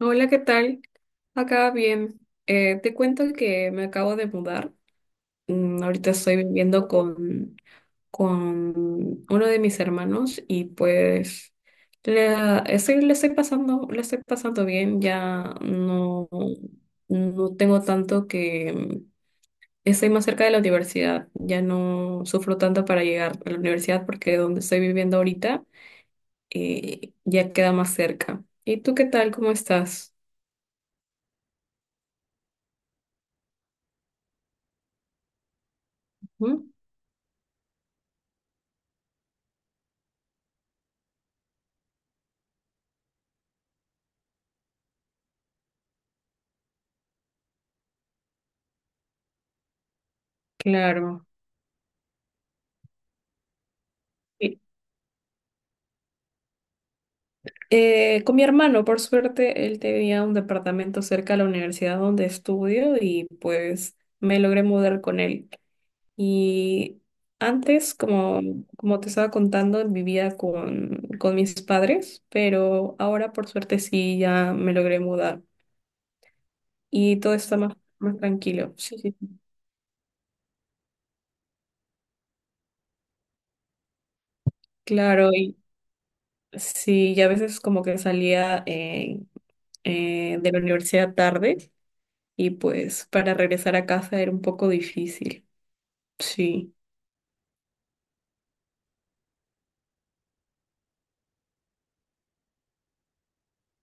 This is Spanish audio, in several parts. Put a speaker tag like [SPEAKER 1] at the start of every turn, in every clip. [SPEAKER 1] Hola, ¿qué tal? Acá bien. Te cuento que me acabo de mudar. Ahorita estoy viviendo con uno de mis hermanos y pues la estoy, le estoy pasando bien. Ya no, no tengo tanto que estoy más cerca de la universidad. Ya no sufro tanto para llegar a la universidad porque donde estoy viviendo ahorita ya queda más cerca. ¿Y tú qué tal? ¿Cómo estás? ¿Mm? Claro. Y, con mi hermano, por suerte, él tenía un departamento cerca de la universidad donde estudio y pues me logré mudar con él. Y antes, como te estaba contando, vivía con mis padres, pero ahora por suerte sí ya me logré mudar y todo está más tranquilo. Sí, sí. Claro, y sí, y a veces como que salía de la universidad tarde y pues para regresar a casa era un poco difícil. Sí,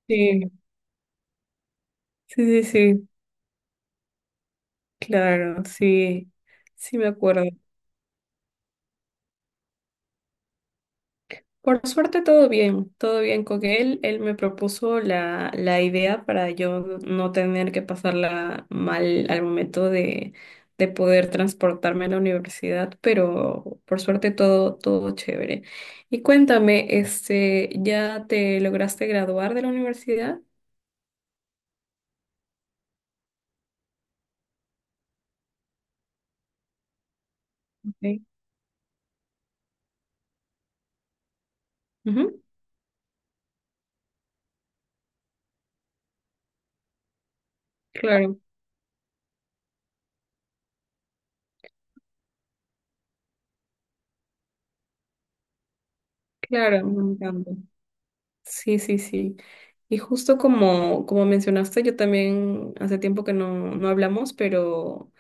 [SPEAKER 1] sí. Sí, sí, sí, claro, sí, sí me acuerdo. Por suerte todo bien con él. Él me propuso la idea para yo no tener que pasarla mal al momento de poder transportarme a la universidad, pero por suerte todo, todo chévere. Y cuéntame, este, ¿ya te lograste graduar de la universidad? Ok. Ujú, claro. Claro, me encanta. Sí, sí, sí. Y justo como mencionaste, yo también hace tiempo que no hablamos, pero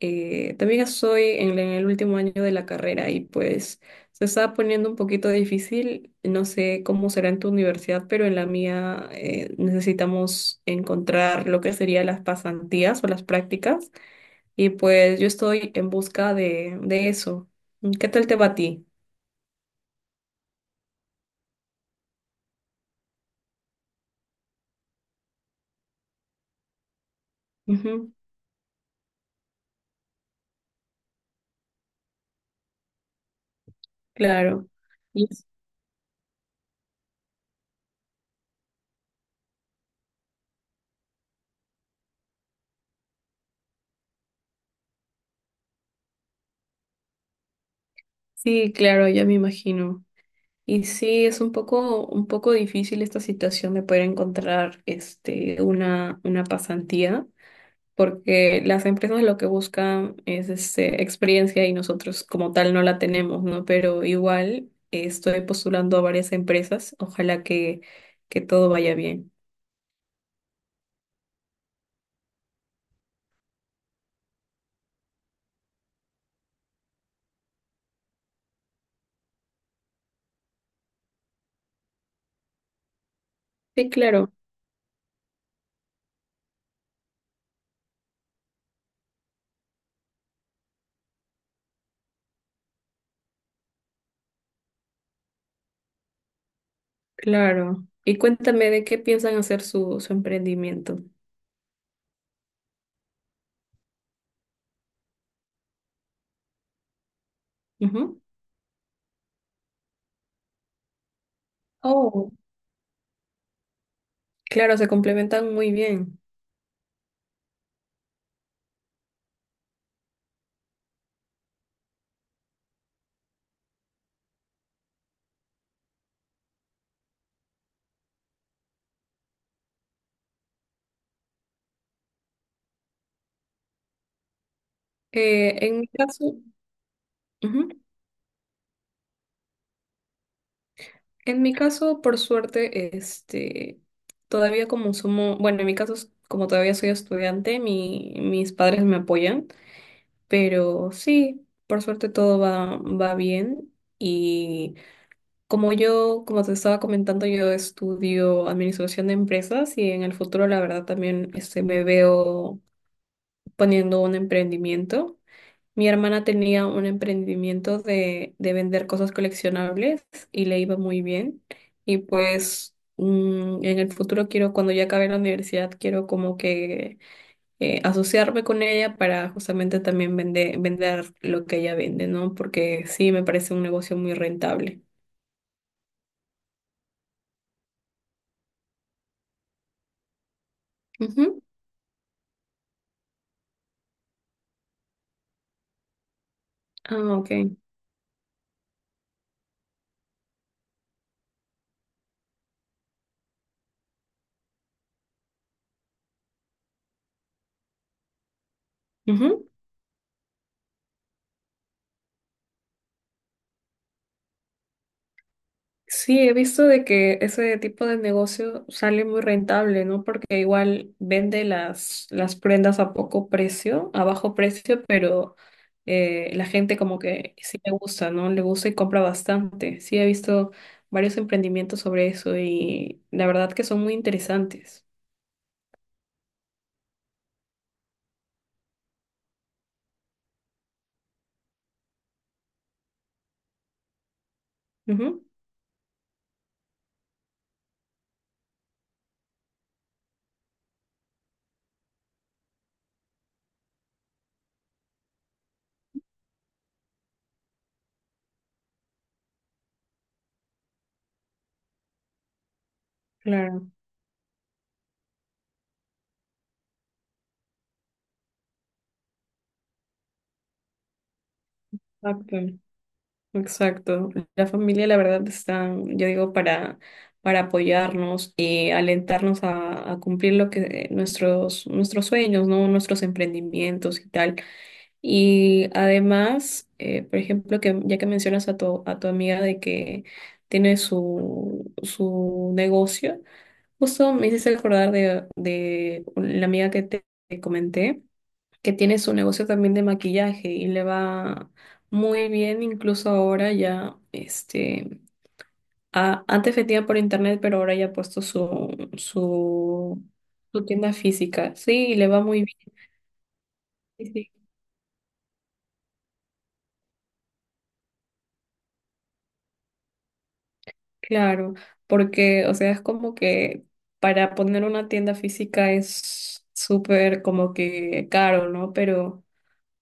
[SPEAKER 1] también estoy en el último año de la carrera y pues se está poniendo un poquito difícil. No sé cómo será en tu universidad, pero en la mía necesitamos encontrar lo que serían las pasantías o las prácticas y pues yo estoy en busca de eso. ¿Qué tal te va a ti? Ujú, claro. Sí, claro, ya me imagino. Y sí, es un un poco difícil esta situación de poder encontrar este, una pasantía, porque las empresas lo que buscan es este, experiencia y nosotros como tal no la tenemos, ¿no? Pero igual estoy postulando a varias empresas, ojalá que todo vaya bien. Sí, claro, claro. Y cuéntame de qué piensan hacer su emprendimiento. Ujú. Oh, claro, se complementan muy bien. En mi caso, ujú. En mi caso, por suerte, este, todavía como somos, bueno, en mi caso, como todavía soy estudiante, mis padres me apoyan, pero sí, por suerte todo va bien. Y como yo, como te estaba comentando, yo estudio administración de empresas y en el futuro, la verdad, también este, me veo poniendo un emprendimiento. Mi hermana tenía un emprendimiento de vender cosas coleccionables y le iba muy bien. Y pues en el futuro quiero, cuando ya acabe la universidad, quiero como que asociarme con ella para justamente también vender lo que ella vende, ¿no? Porque sí, me parece un negocio muy rentable. Ujú. Ah, ok. Ujú. Sí, he visto de que ese tipo de negocio sale muy rentable, ¿no? Porque igual vende las prendas a poco precio, a bajo precio, pero la gente como que sí le gusta, ¿no? Le gusta y compra bastante. Sí, he visto varios emprendimientos sobre eso y la verdad que son muy interesantes. Ujú, claro, exacto. Exacto. La familia, la verdad, está, yo digo, para apoyarnos y alentarnos a cumplir lo que nuestros sueños, ¿no? Nuestros emprendimientos y tal. Y además, por ejemplo, que ya que mencionas a a tu amiga de que tiene su negocio, justo me hiciste acordar de la amiga que te comenté que tiene su negocio también de maquillaje y le va muy bien, incluso ahora ya, este, antes vendía por internet, pero ahora ya ha puesto su, su tienda física. Sí, y le va muy bien, sí, sí, claro, porque, o sea, es como que para poner una tienda física es súper como que caro, ¿no? Pero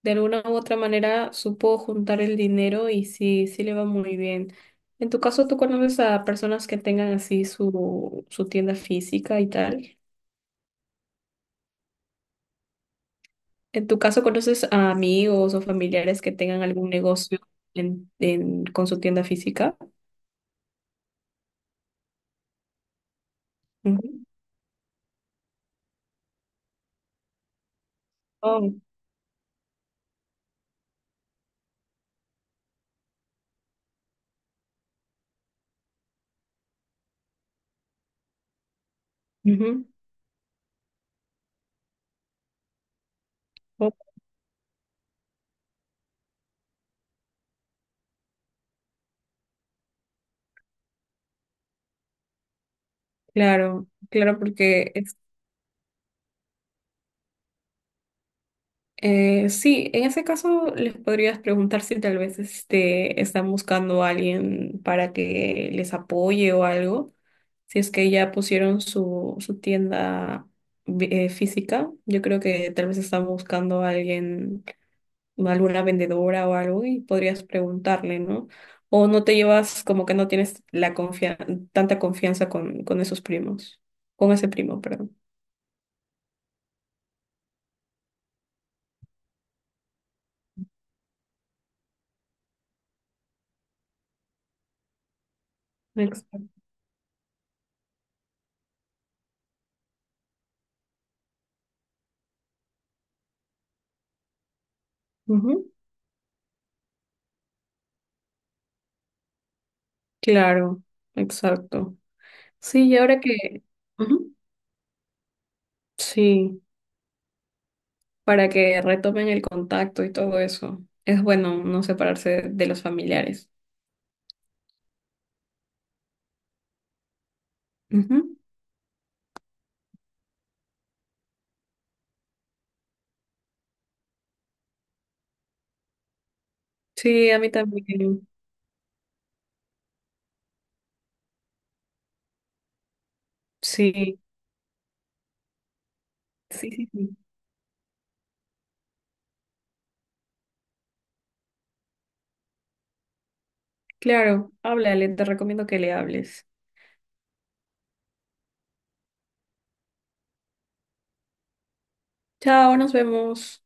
[SPEAKER 1] de alguna u otra manera supo juntar el dinero y sí, sí le va muy bien. En tu caso, ¿tú conoces a personas que tengan así su tienda física y tal? ¿En tu caso conoces a amigos o familiares que tengan algún negocio con su tienda física? Ujú. Oh, ujú. Oh, claro, claro. Sí, en ese caso les podrías preguntar si tal vez este, están buscando a alguien para que les apoye o algo. Si es que ya pusieron su tienda física, yo creo que tal vez están buscando a alguien, alguna vendedora o algo, y podrías preguntarle, ¿no? O no te llevas, como que no tienes la tanta confianza con esos primos, con ese primo, perdón. Exacto. Ujú. Claro, exacto. Sí, y ahora que... Ujú. Sí, para que retomen el contacto y todo eso. Es bueno no separarse de los familiares. Ujú. Sí, a mí también. Sí, sí, sí, sí. Claro, háblale, te recomiendo que le hables. Chao, nos vemos.